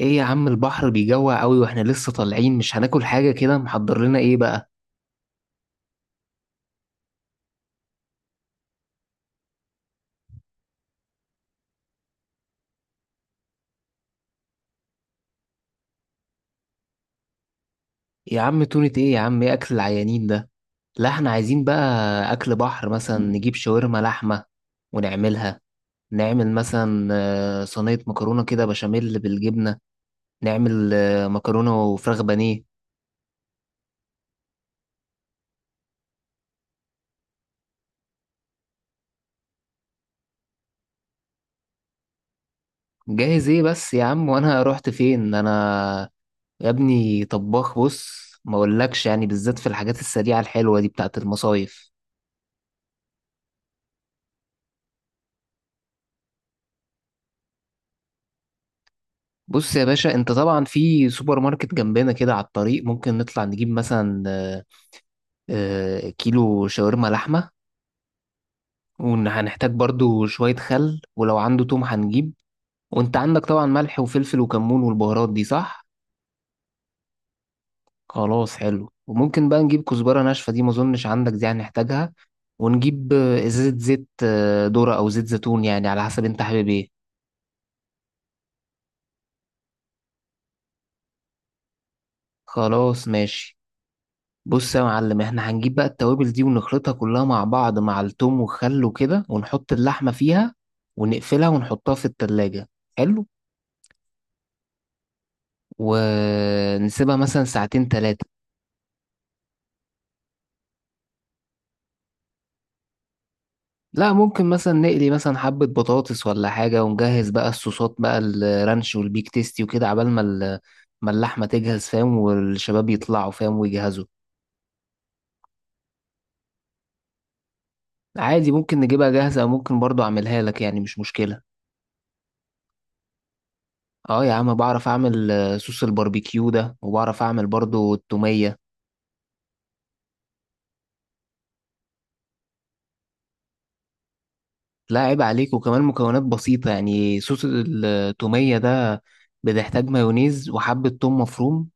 ايه يا عم، البحر بيجوع قوي واحنا لسه طالعين. مش هناكل حاجة؟ كده محضر لنا ايه بقى؟ يا عم تونة ايه يا عم، ايه اكل العيانين ده؟ لا احنا عايزين بقى اكل بحر، مثلا نجيب شاورما لحمة ونعملها. نعمل مثلا صينية مكرونة كده بشاميل بالجبنة. نعمل مكرونة وفراخ بانيه. جاهز ايه بس يا عم، وانا رحت فين انا؟ يا ابني طباخ، بص ما اقولكش يعني، بالذات في الحاجات السريعة الحلوة دي بتاعت المصايف. بص يا باشا، انت طبعا في سوبر ماركت جنبنا كده على الطريق، ممكن نطلع نجيب مثلا كيلو شاورما لحمة. وهنحتاج برضو شوية خل، ولو عنده توم هنجيب. وانت عندك طبعا ملح وفلفل وكمون والبهارات دي، صح؟ خلاص حلو. وممكن بقى نجيب كزبرة ناشفة، دي ما اظنش عندك، دي هنحتاجها. ونجيب ازازة زيت، ذرة او زيت زيتون، يعني على حسب انت حابب ايه. خلاص ماشي. بص يا معلم، احنا هنجيب بقى التوابل دي ونخلطها كلها مع بعض مع التوم والخل وكده، ونحط اللحمة فيها ونقفلها ونحطها في التلاجة. حلو. ونسيبها مثلا ساعتين تلاتة. لا ممكن مثلا نقلي مثلا حبة بطاطس ولا حاجة، ونجهز بقى الصوصات، بقى الرانش والبيك تيستي وكده، عبال ما اللحمة تجهز، فاهم، والشباب يطلعوا فاهم ويجهزوا. عادي، ممكن نجيبها جاهزة أو ممكن برضو أعملها لك، يعني مش مشكلة. اه يا عم، بعرف اعمل صوص الباربيكيو ده، وبعرف اعمل برضو التومية. لا عيب عليك، وكمان مكونات بسيطة يعني. صوص التومية ده بتحتاج مايونيز، وحبة توم مفروم،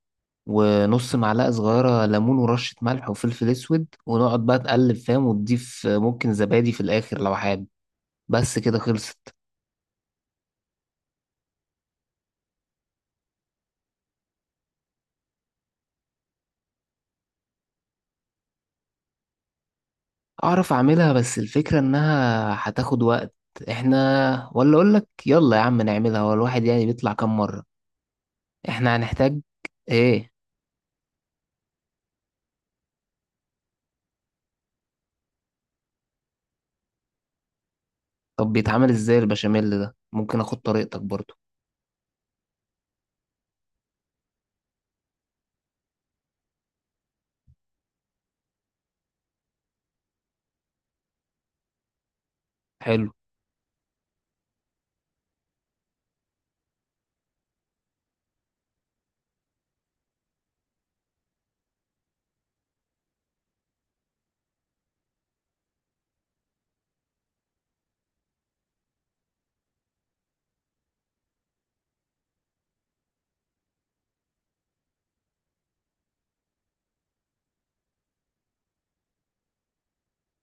ونص معلقة صغيرة ليمون، ورشة ملح وفلفل اسود، ونقعد بقى تقلب فاهم، وتضيف ممكن زبادي في الاخر لو حابب. بس كده خلصت. اعرف اعملها، بس الفكرة انها هتاخد وقت. احنا ولا اقولك، يلا يا عم نعملها، هو الواحد يعني بيطلع كام مرة. احنا هنحتاج ايه؟ طب بيتعمل ازاي البشاميل ده، ممكن اخد طريقتك برضو؟ حلو.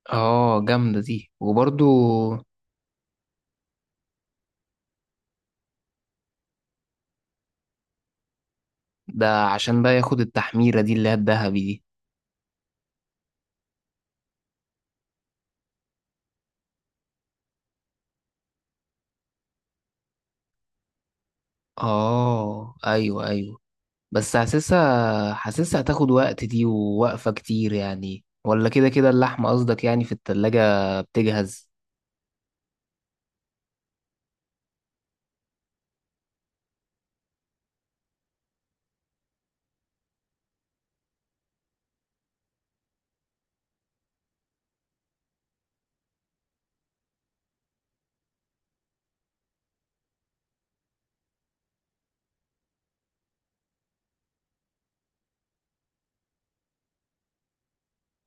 اه جامدة دي وبرضو. ده عشان بقى ياخد التحميرة دي، اللي هي الذهبي دي. اه ايوه ايوه. بس حاسسها حاسسها هتاخد وقت دي ووقفة كتير يعني، ولا كده كده اللحمة قصدك، يعني في التلاجة بتجهز.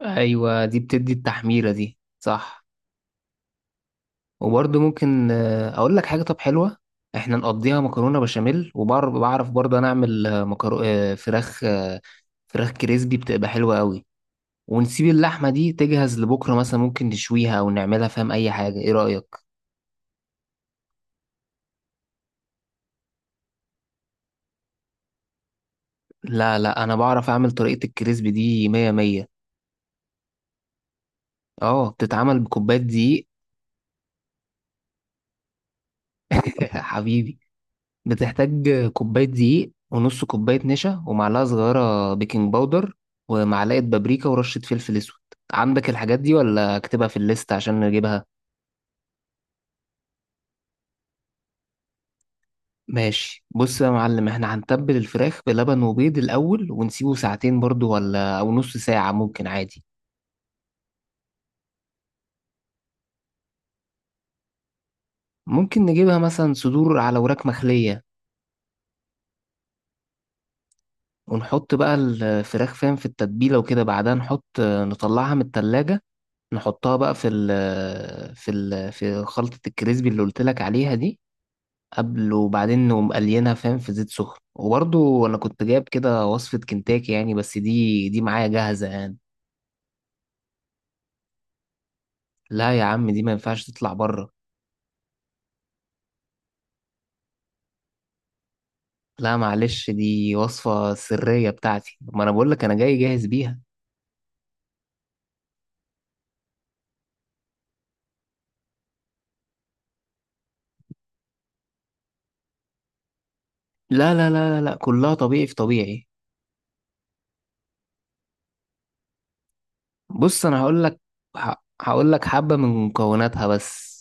ايوه دي بتدي التحميرة دي، صح. وبرضو ممكن اقول لك حاجة، طب حلوة. احنا نقضيها مكرونة بشاميل، وبعرف برضه انا اعمل مكرو... آه، فراخ. فراخ كريسبي بتبقى حلوة قوي. ونسيب اللحمة دي تجهز لبكرة، مثلا ممكن نشويها أو نعملها فاهم أي حاجة، إيه رأيك؟ لا لا، أنا بعرف أعمل طريقة الكريسبي دي مية مية. أه بتتعمل بكوباية دقيق. حبيبي. بتحتاج كوباية دقيق، ونص كوباية نشا، ومعلقة صغيرة بيكنج باودر، ومعلقة بابريكا، ورشة فلفل أسود. عندك الحاجات دي ولا أكتبها في الليست عشان نجيبها؟ ماشي، بص يا معلم، احنا هنتبل الفراخ بلبن وبيض الأول، ونسيبه ساعتين برضو، ولا أو نص ساعة ممكن عادي. ممكن نجيبها مثلا صدور على وراك مخلية. ونحط بقى الفراخ فاهم في التتبيلة وكده، بعدها نحط، نطلعها من التلاجة، نحطها بقى في خلطة الكريسبي اللي قلت لك عليها دي قبل. وبعدين نقوم قلينها فاهم في زيت سخن. وبرضو أنا كنت جايب كده وصفة كنتاكي يعني، بس دي معايا جاهزة يعني. لا يا عم، دي ما ينفعش تطلع بره. لا معلش، دي وصفة سرية بتاعتي، ما انا بقول لك انا جاي جاهز بيها. لا لا لا لا لا، كلها طبيعي في طبيعي. بص انا هقول لك. ه- هقول لك حبة من مكوناتها بس.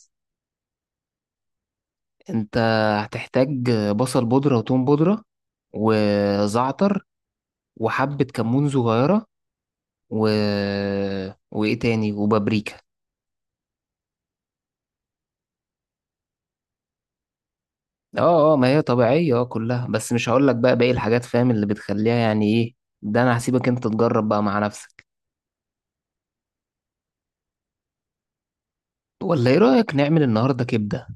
انت هتحتاج بصل بودرة وتوم بودرة، وزعتر، وحبة كمون صغيرة، و... وايه تاني، وبابريكا. اه اه، ما هي طبيعية اه كلها، بس مش هقول لك بقى باقي الحاجات فاهم اللي بتخليها يعني ايه. ده انا هسيبك انت تجرب بقى مع نفسك. ولا ايه رأيك نعمل النهاردة كبدة؟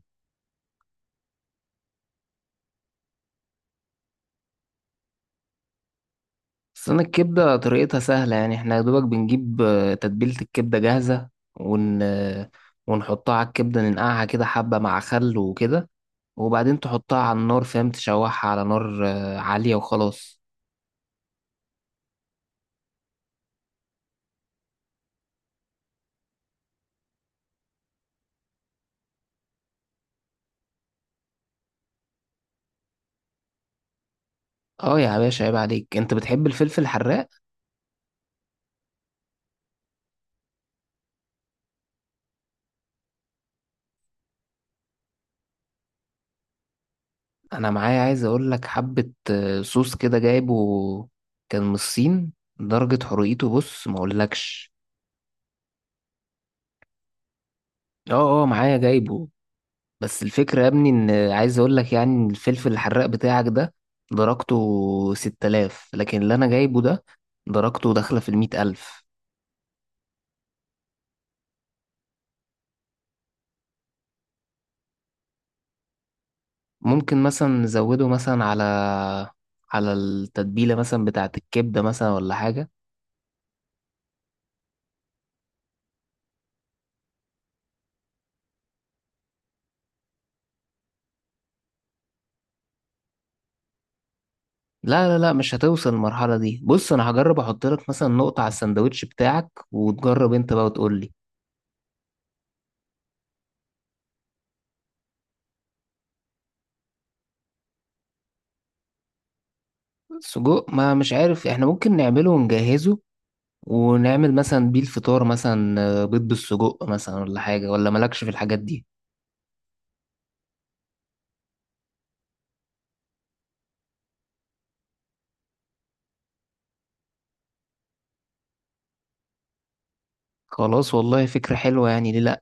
بس انا الكبده طريقتها سهله يعني، احنا يا دوبك بنجيب تتبيله الكبده جاهزه. ون آه، ونحطها على الكبده، ننقعها كده حبه مع خل وكده، وبعدين تحطها على النار فاهم، تشوحها على نار عاليه وخلاص. اه يا باشا عيب عليك، انت بتحب الفلفل الحراق. انا معايا، عايز اقول لك، حبه صوص كده جايبه، كان من الصين، درجه حرقته بص ما اقولكش. اه اه معايا جايبه. بس الفكرة يا ابني، ان عايز اقول لك يعني، إن الفلفل الحراق بتاعك ده درجته 6000، لكن اللي انا جايبه ده درجته داخلة في 100 ألف. ممكن مثلا نزوده مثلا على، على التتبيلة مثلا بتاعة الكبدة، مثلا ولا حاجة. لا لا لا مش هتوصل المرحلة دي. بص انا هجرب احط لك مثلا نقطة على السندوتش بتاعك، وتجرب انت بقى وتقول لي. سجق، ما مش عارف، احنا ممكن نعمله ونجهزه، ونعمل مثلا بيه الفطار مثلا، بيض بالسجق مثلا ولا حاجة، ولا مالكش في الحاجات دي. خلاص والله فكرة حلوة، يعني ليه لأ.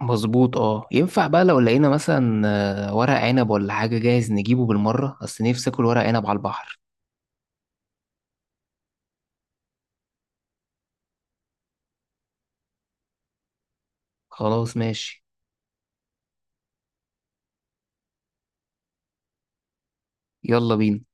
مظبوط. اه ينفع بقى لو لقينا مثلا ورق عنب ولا حاجة جاهز، نجيبه بالمرة، أصل نفسي آكل ورق عنب على البحر. خلاص ماشي. يلا بينا.